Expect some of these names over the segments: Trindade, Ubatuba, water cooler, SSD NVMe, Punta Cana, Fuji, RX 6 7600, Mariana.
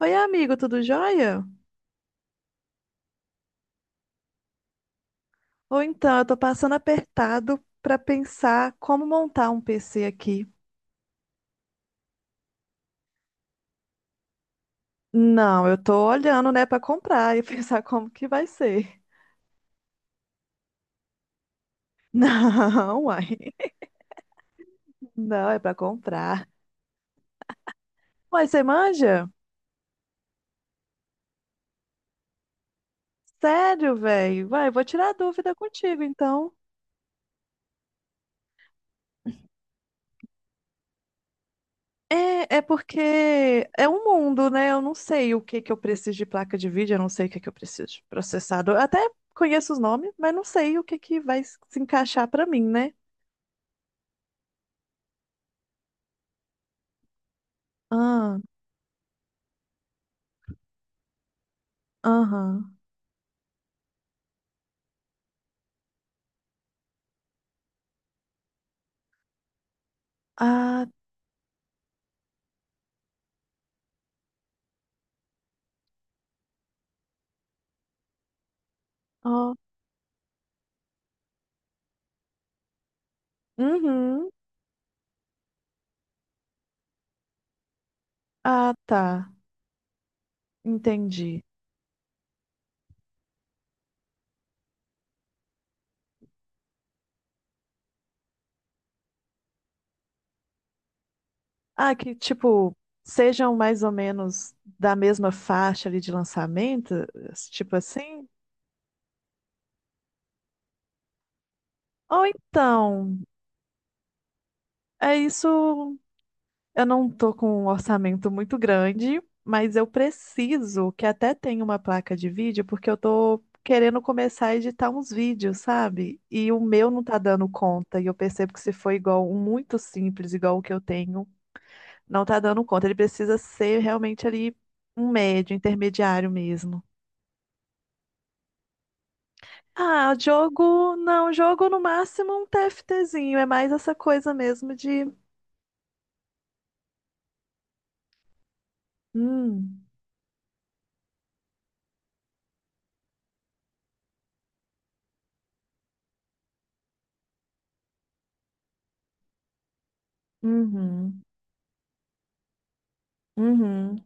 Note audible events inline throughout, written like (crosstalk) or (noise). Oi, amigo, tudo jóia? Eu tô passando apertado pra pensar como montar um PC aqui. Não, eu tô olhando, né, pra comprar e (laughs) pensar como que vai ser. (laughs) Não, uai. Não, é pra comprar. Uai, você manja? Sério, velho? Vai, vou tirar a dúvida contigo, então. É porque é um mundo, né? Eu não sei o que que eu preciso de placa de vídeo, eu não sei o que que eu preciso de processador. Eu até conheço os nomes, mas não sei o que que vai se encaixar pra mim, né? Ah, aham. Ah, ó. Uhum. Ah, tá. Entendi. Ah, que tipo, sejam mais ou menos da mesma faixa ali de lançamento, tipo assim? Ou então, é isso, eu não tô com um orçamento muito grande, mas eu preciso que até tenha uma placa de vídeo, porque eu tô querendo começar a editar uns vídeos, sabe? E o meu não tá dando conta, e eu percebo que se for igual um muito simples, igual o que eu tenho. Não tá dando conta. Ele precisa ser realmente ali um médio, intermediário mesmo. Ah, jogo. Não, jogo no máximo um TFTzinho. É mais essa coisa mesmo de. Hum, uhum, uhum.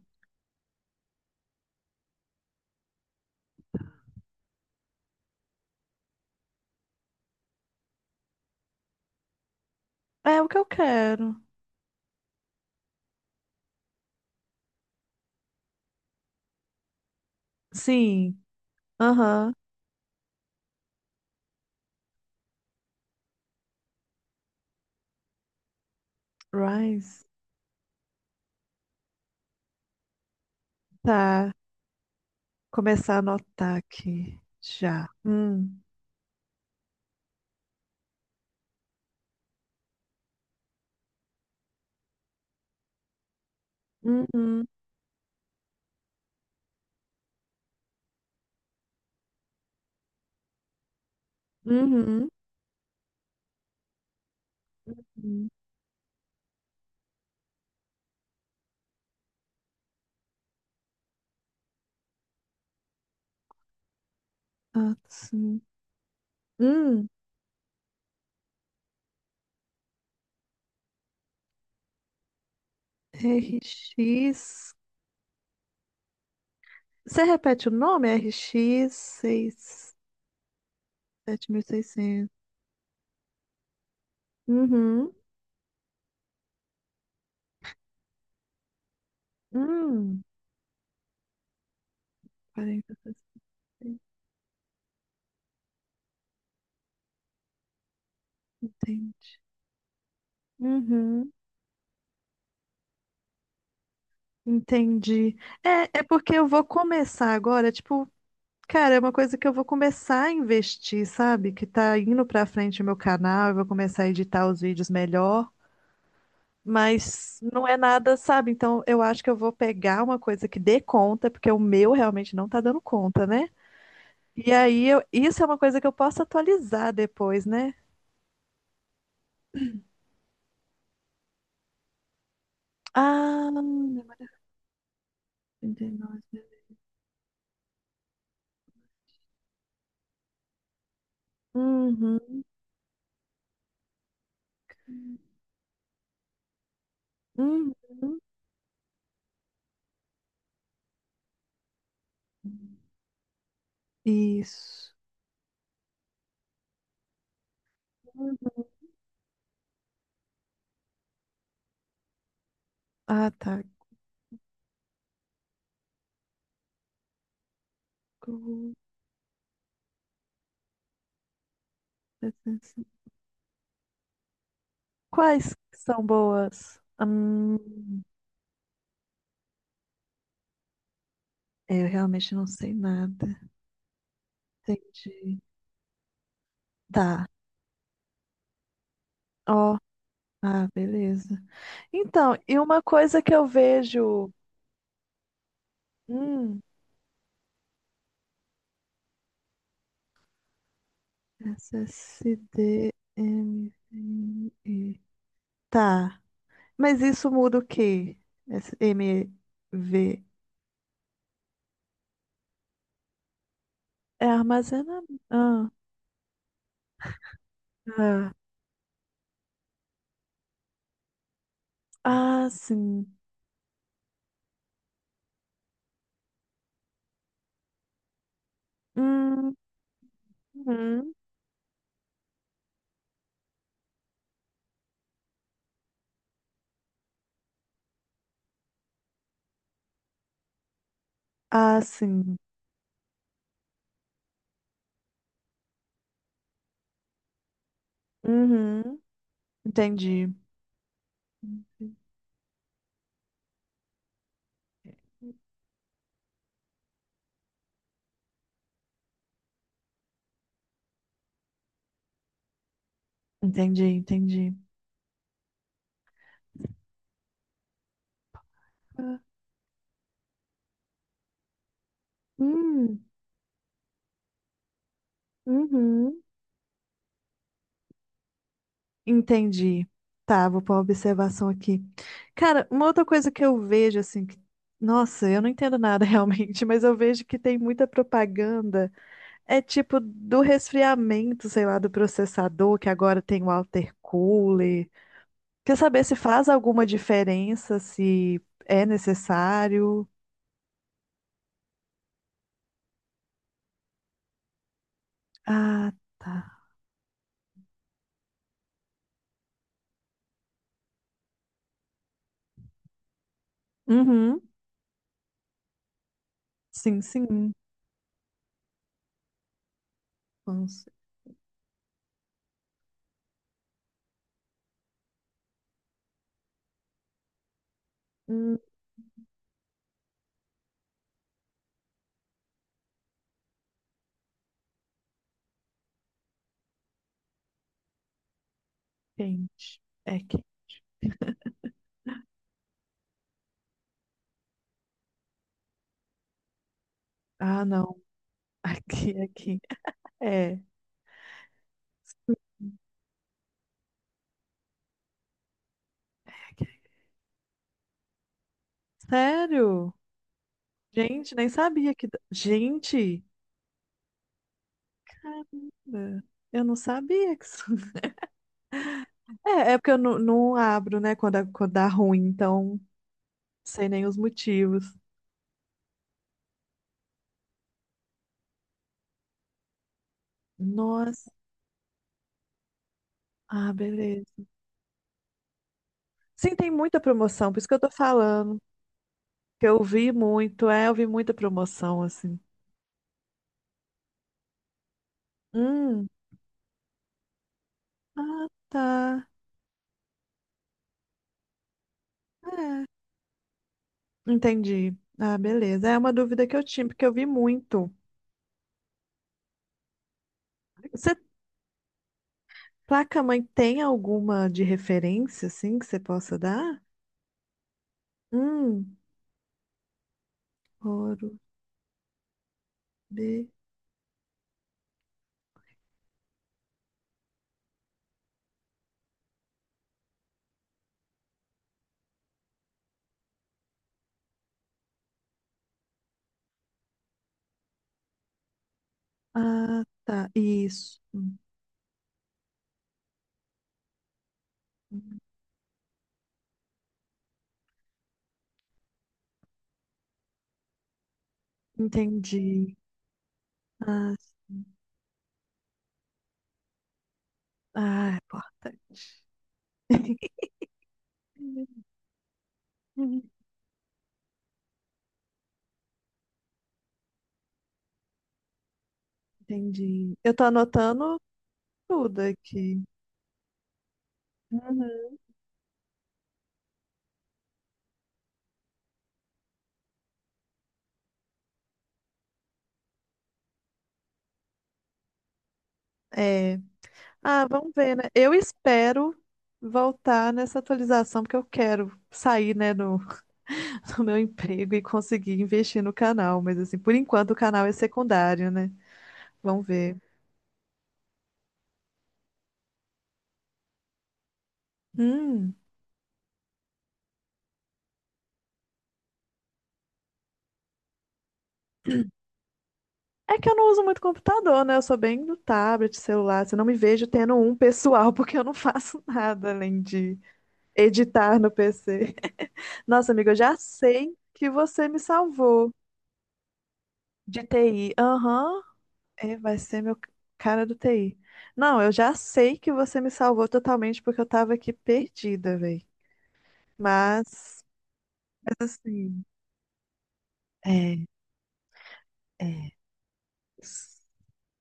É o que eu quero. Sim, aham. Rise. Tá. Começar a anotar aqui. Já. Uhum, uhum. Uhum. Ah, sim. Hum, RX. Você repete o nome? RX 6, 7600. Uhum. Hum, 4066. Entendi. Uhum. Entendi. É porque eu vou começar agora, tipo, cara, é uma coisa que eu vou começar a investir, sabe? Que tá indo pra frente o meu canal, eu vou começar a editar os vídeos melhor, mas não é nada, sabe? Então eu acho que eu vou pegar uma coisa que dê conta, porque o meu realmente não tá dando conta, né? E aí, isso é uma coisa que eu posso atualizar depois, né? Ah, não é mais 39. Uhum, uhum, isso. Uhum. Ah, tá. Cu- Quais que são boas? É, eu realmente não sei nada. Entendi. Tá. Ó, ah, beleza. Então, e uma coisa que eu vejo. Hum, SSDMVI. Tá. Mas isso muda o quê? Esse M V É armazenamento. Ah, tá. Ah, sim. Hum, uhum. Ah, sim. Uhum. Entendi. Entendi, entendi. Ah, hum, uhum. Entendi. Tá, vou pôr uma observação aqui. Cara, uma outra coisa que eu vejo, assim, que- nossa, eu não entendo nada (laughs) realmente, mas eu vejo que tem muita propaganda. É tipo do resfriamento, sei lá, do processador, que agora tem o water cooler. Quer saber se faz alguma diferença, se é necessário? Ah, tá. Uhum. Sim, sim. Vamos, hum, quente. É que. Ah, não. (laughs) Aqui, aqui. É. Aqui. Sério? Gente, nem sabia que. Da- Gente! Caramba! Eu não sabia que isso. (laughs) É, é porque eu não abro, né, quando, quando dá ruim, então. Sei nem os motivos. Nossa, ah, beleza. Sim, tem muita promoção, por isso que eu tô falando. Que eu vi muito, é, eu vi muita promoção, assim. Hum, ah, tá. É, entendi. Ah, beleza. É uma dúvida que eu tinha, porque eu vi muito. Você, placa-mãe, tem alguma de referência, assim, que você possa dar? Hum, ouro B. Ah, tá. Isso. Hum. Entendi. Ah, sim. Ah, é importante. Uhum. Entendi. Eu tô anotando tudo aqui. Uhum. É. Ah, vamos ver, né? Eu espero voltar nessa atualização, porque eu quero sair, né, do, (laughs) do meu emprego e conseguir investir no canal. Mas, assim, por enquanto o canal é secundário, né? Vamos ver. Hum. É que eu não uso muito computador, né? Eu sou bem do tablet, celular. Assim, eu não me vejo tendo um pessoal, (laughs) porque eu não faço nada além de editar no PC. (laughs) Nossa, amiga, eu já sei que você me salvou. De TI. Aham. É, vai ser meu cara do TI. Não, eu já sei que você me salvou totalmente porque eu tava aqui perdida, velho. Mas, mas assim, é, é. s-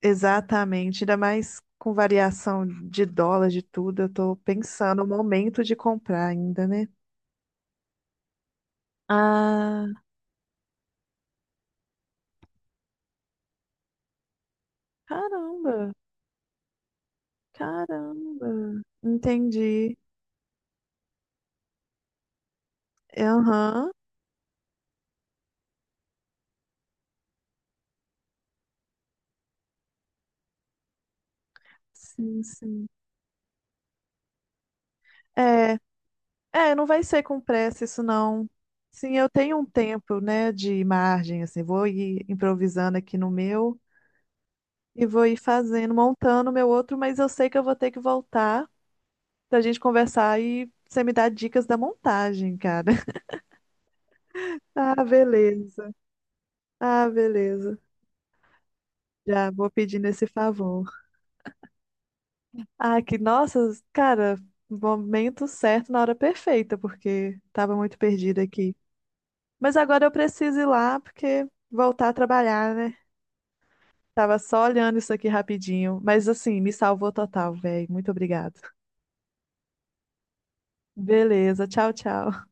Exatamente. Ainda mais com variação de dólar, de tudo, eu tô pensando o momento de comprar ainda, né? Ah, caramba, caramba. Entendi. Aham. Sim, sim. É, não vai ser com pressa isso não. Sim, eu tenho um tempo, né, de margem, assim, vou ir improvisando aqui no meu e vou ir fazendo, montando o meu outro, mas eu sei que eu vou ter que voltar pra gente conversar e você me dar dicas da montagem, cara. (laughs) Ah, beleza. Ah, beleza. Já vou pedindo esse favor. Ah, que nossa, cara, momento certo na hora perfeita, porque tava muito perdida aqui. Mas agora eu preciso ir lá porque voltar a trabalhar, né? Tava só olhando isso aqui rapidinho, mas assim, me salvou total, velho. Muito obrigado. Beleza, tchau, tchau.